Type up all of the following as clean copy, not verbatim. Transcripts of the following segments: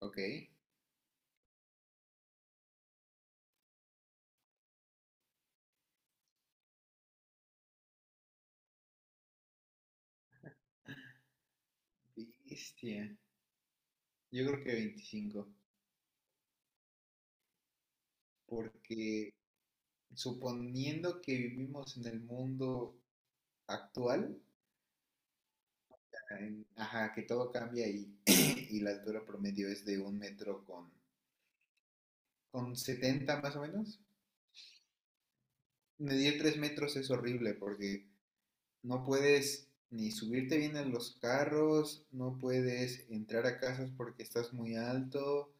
Ok, bestia. Yo creo que 25, porque suponiendo que vivimos en el mundo actual, ajá, que todo cambia y, y la altura promedio es de un metro con 70 más o menos, medir 3 metros es horrible porque no puedes ni subirte bien en los carros, no puedes entrar a casas porque estás muy alto,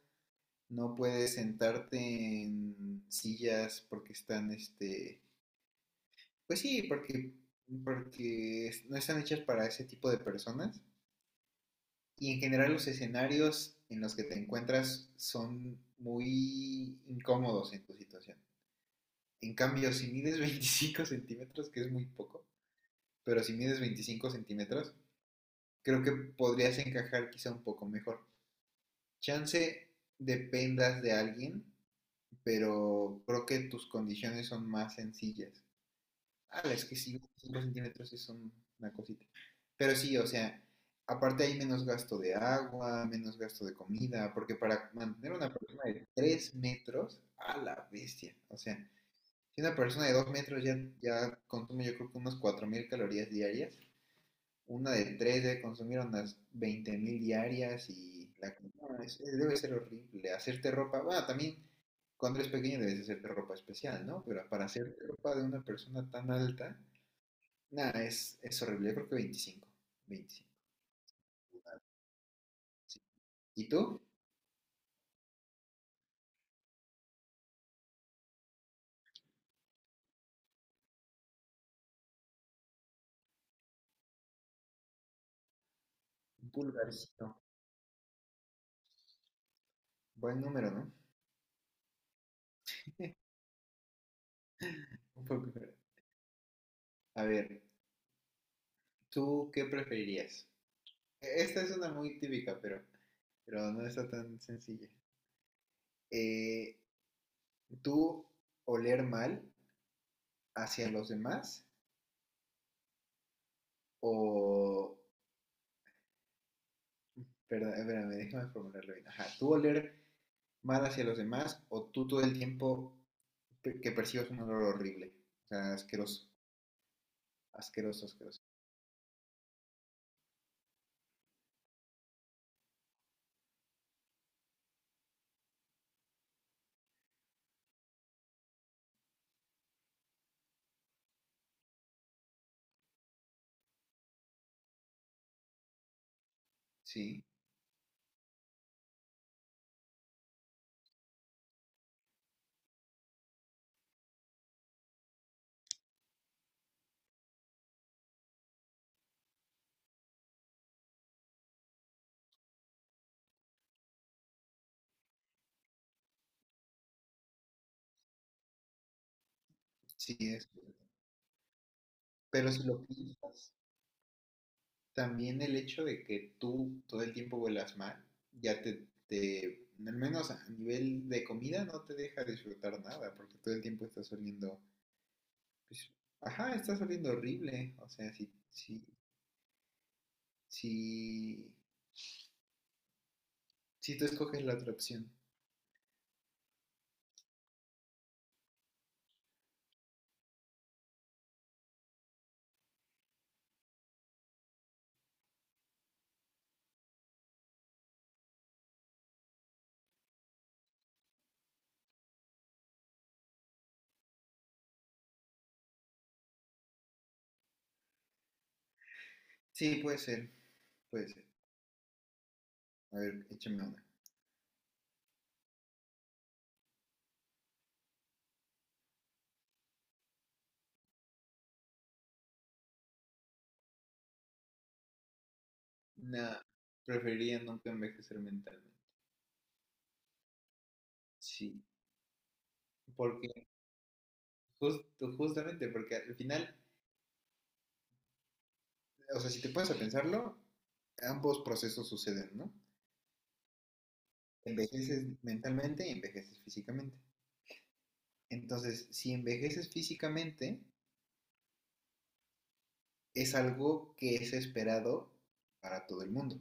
no puedes sentarte en sillas porque están, pues sí, porque no están hechas para ese tipo de personas. Y en general los escenarios en los que te encuentras son muy incómodos en tu situación. En cambio, si mides 25 centímetros, que es muy poco, pero si mides 25 centímetros, creo que podrías encajar quizá un poco mejor. Chance dependas de alguien, pero creo que tus condiciones son más sencillas. Ah, es que sí, 5 centímetros es una cosita. Pero sí, o sea, aparte hay menos gasto de agua, menos gasto de comida, porque para mantener una persona de 3 metros, a la bestia. O sea, si una persona de 2 metros ya, ya consume yo creo que unas 4,000 calorías diarias, una de 3 debe consumir unas 20,000 diarias y la no, debe ser horrible. Hacerte ropa, bueno, también cuando eres pequeño debes hacerte ropa especial, ¿no? Pero para hacerte ropa de una persona tan alta. Nada, es horrible. Yo creo que veinticinco. ¿Y tú? Un pulgarcito. Buen número, ¿no? Un pulgar. A ver, ¿tú qué preferirías? Esta es una muy típica, pero no está tan sencilla. Eh, ¿Tú oler mal hacia los demás? O. Perdón, espérame, déjame formularlo bien. Ajá, ¿tú oler mal hacia los demás o tú todo el tiempo que percibas un olor horrible? O sea, asqueroso. Asqueroso, asqueroso. Sí. Sí es. Pero si lo piensas, también el hecho de que tú todo el tiempo vuelas mal, ya te, al menos a nivel de comida, no te deja disfrutar nada, porque todo el tiempo estás oliendo, pues, ajá, estás oliendo horrible. O sea, si, si tú escoges la otra opción. Sí, puede ser, puede ser. A ver, échame una. Nah, preferiría nunca envejecer mentalmente. Sí, porque jus- justamente, porque al final, o sea, si te pones a pensarlo, ambos procesos suceden, ¿no? Envejeces mentalmente y envejeces físicamente. Entonces, si envejeces físicamente, es algo que es esperado para todo el mundo.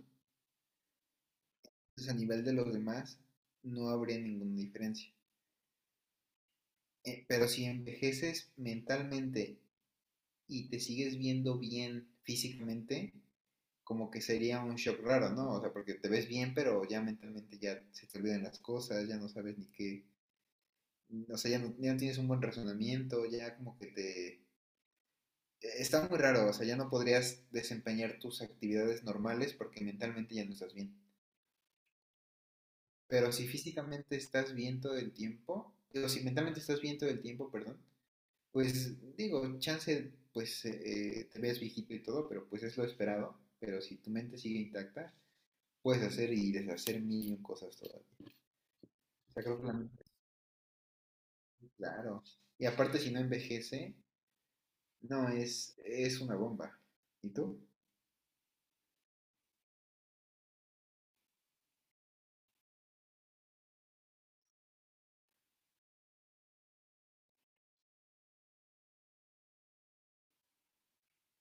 Entonces, a nivel de los demás, no habría ninguna diferencia. Pero si envejeces mentalmente y te sigues viendo bien físicamente, como que sería un shock raro, ¿no? O sea, porque te ves bien, pero ya mentalmente ya se te olvidan las cosas, ya no sabes ni qué. O sea, ya no tienes un buen razonamiento, ya como que te. Está muy raro, o sea, ya no podrías desempeñar tus actividades normales porque mentalmente ya no estás bien. Pero si físicamente estás bien todo el tiempo, o si mentalmente estás bien todo el tiempo, perdón, pues digo, chance, pues te ves viejito y todo, pero pues es lo esperado. Pero si tu mente sigue intacta, puedes hacer y deshacer mil cosas todavía. O sea, creo que la mente, claro. Y aparte, si no envejece, no, es una bomba. ¿Y tú?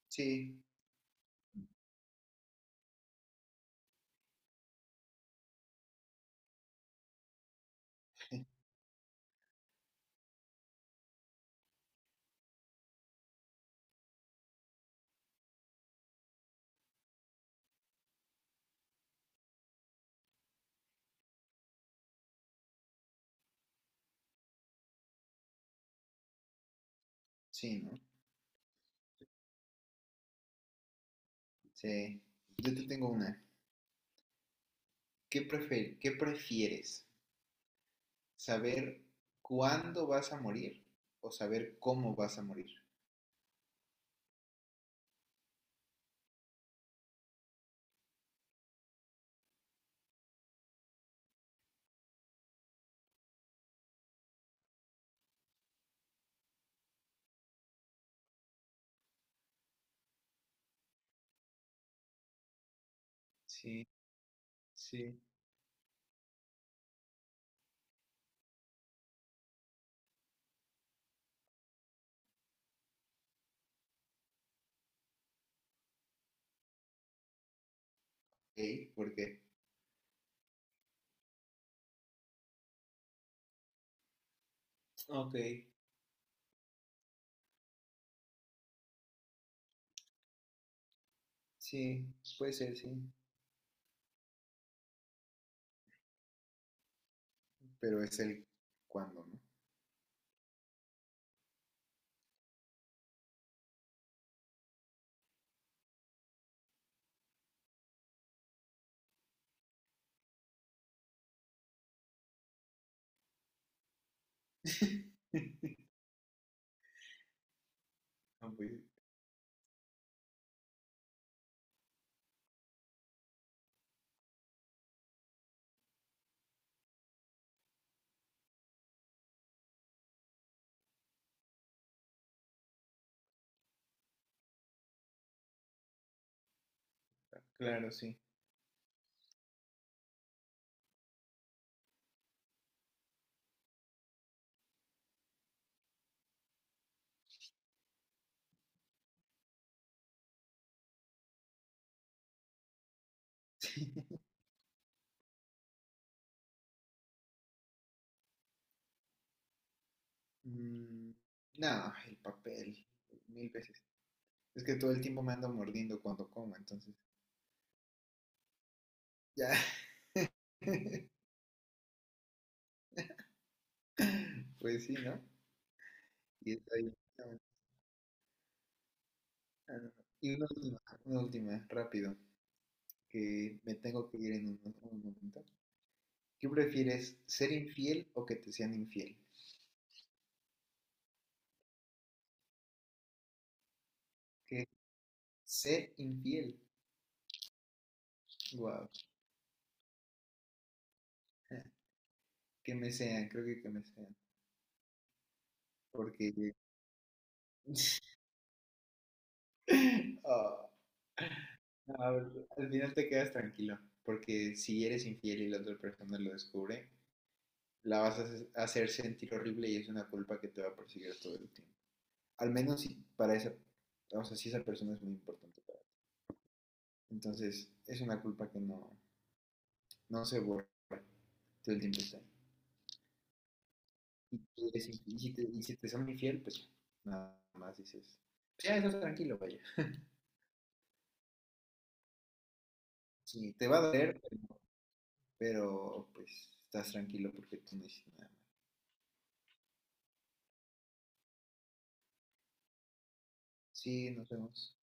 Sí, sí, ¿no? Sí. Yo te tengo una. ¿Qué prefieres? ¿Saber cuándo vas a morir o saber cómo vas a morir? Sí, sí. ¿Ok? ¿Por qué? Ok, sí, puede ser, sí. Pero es el cuándo, ¿no? Ah, pues, claro, sí. Mm, no, el papel, mil veces. Es que todo el tiempo me ando mordiendo cuando como, entonces, ya, pues sí, ¿no? Y está ahí, no. Ah, y una última, rápido, que me tengo que ir en un momento. ¿Qué prefieres, ser infiel o que te sean infiel? Que ser infiel, wow, que me sean, creo que me sean, porque ah, al final te quedas tranquilo, porque si eres infiel y la otra persona lo descubre, la vas a hacer sentir horrible y es una culpa que te va a perseguir todo el tiempo. Al menos si para esa, o sea, si esa persona es muy importante. Entonces, es una culpa que no, no se borra, todo el tiempo está ahí. Y, eres y si te son infiel, pues nada más dices, pues ya estás tranquilo, vaya. Sí, te va a doler, pero, pues estás tranquilo porque tú no hiciste nada más. Sí, nos vemos.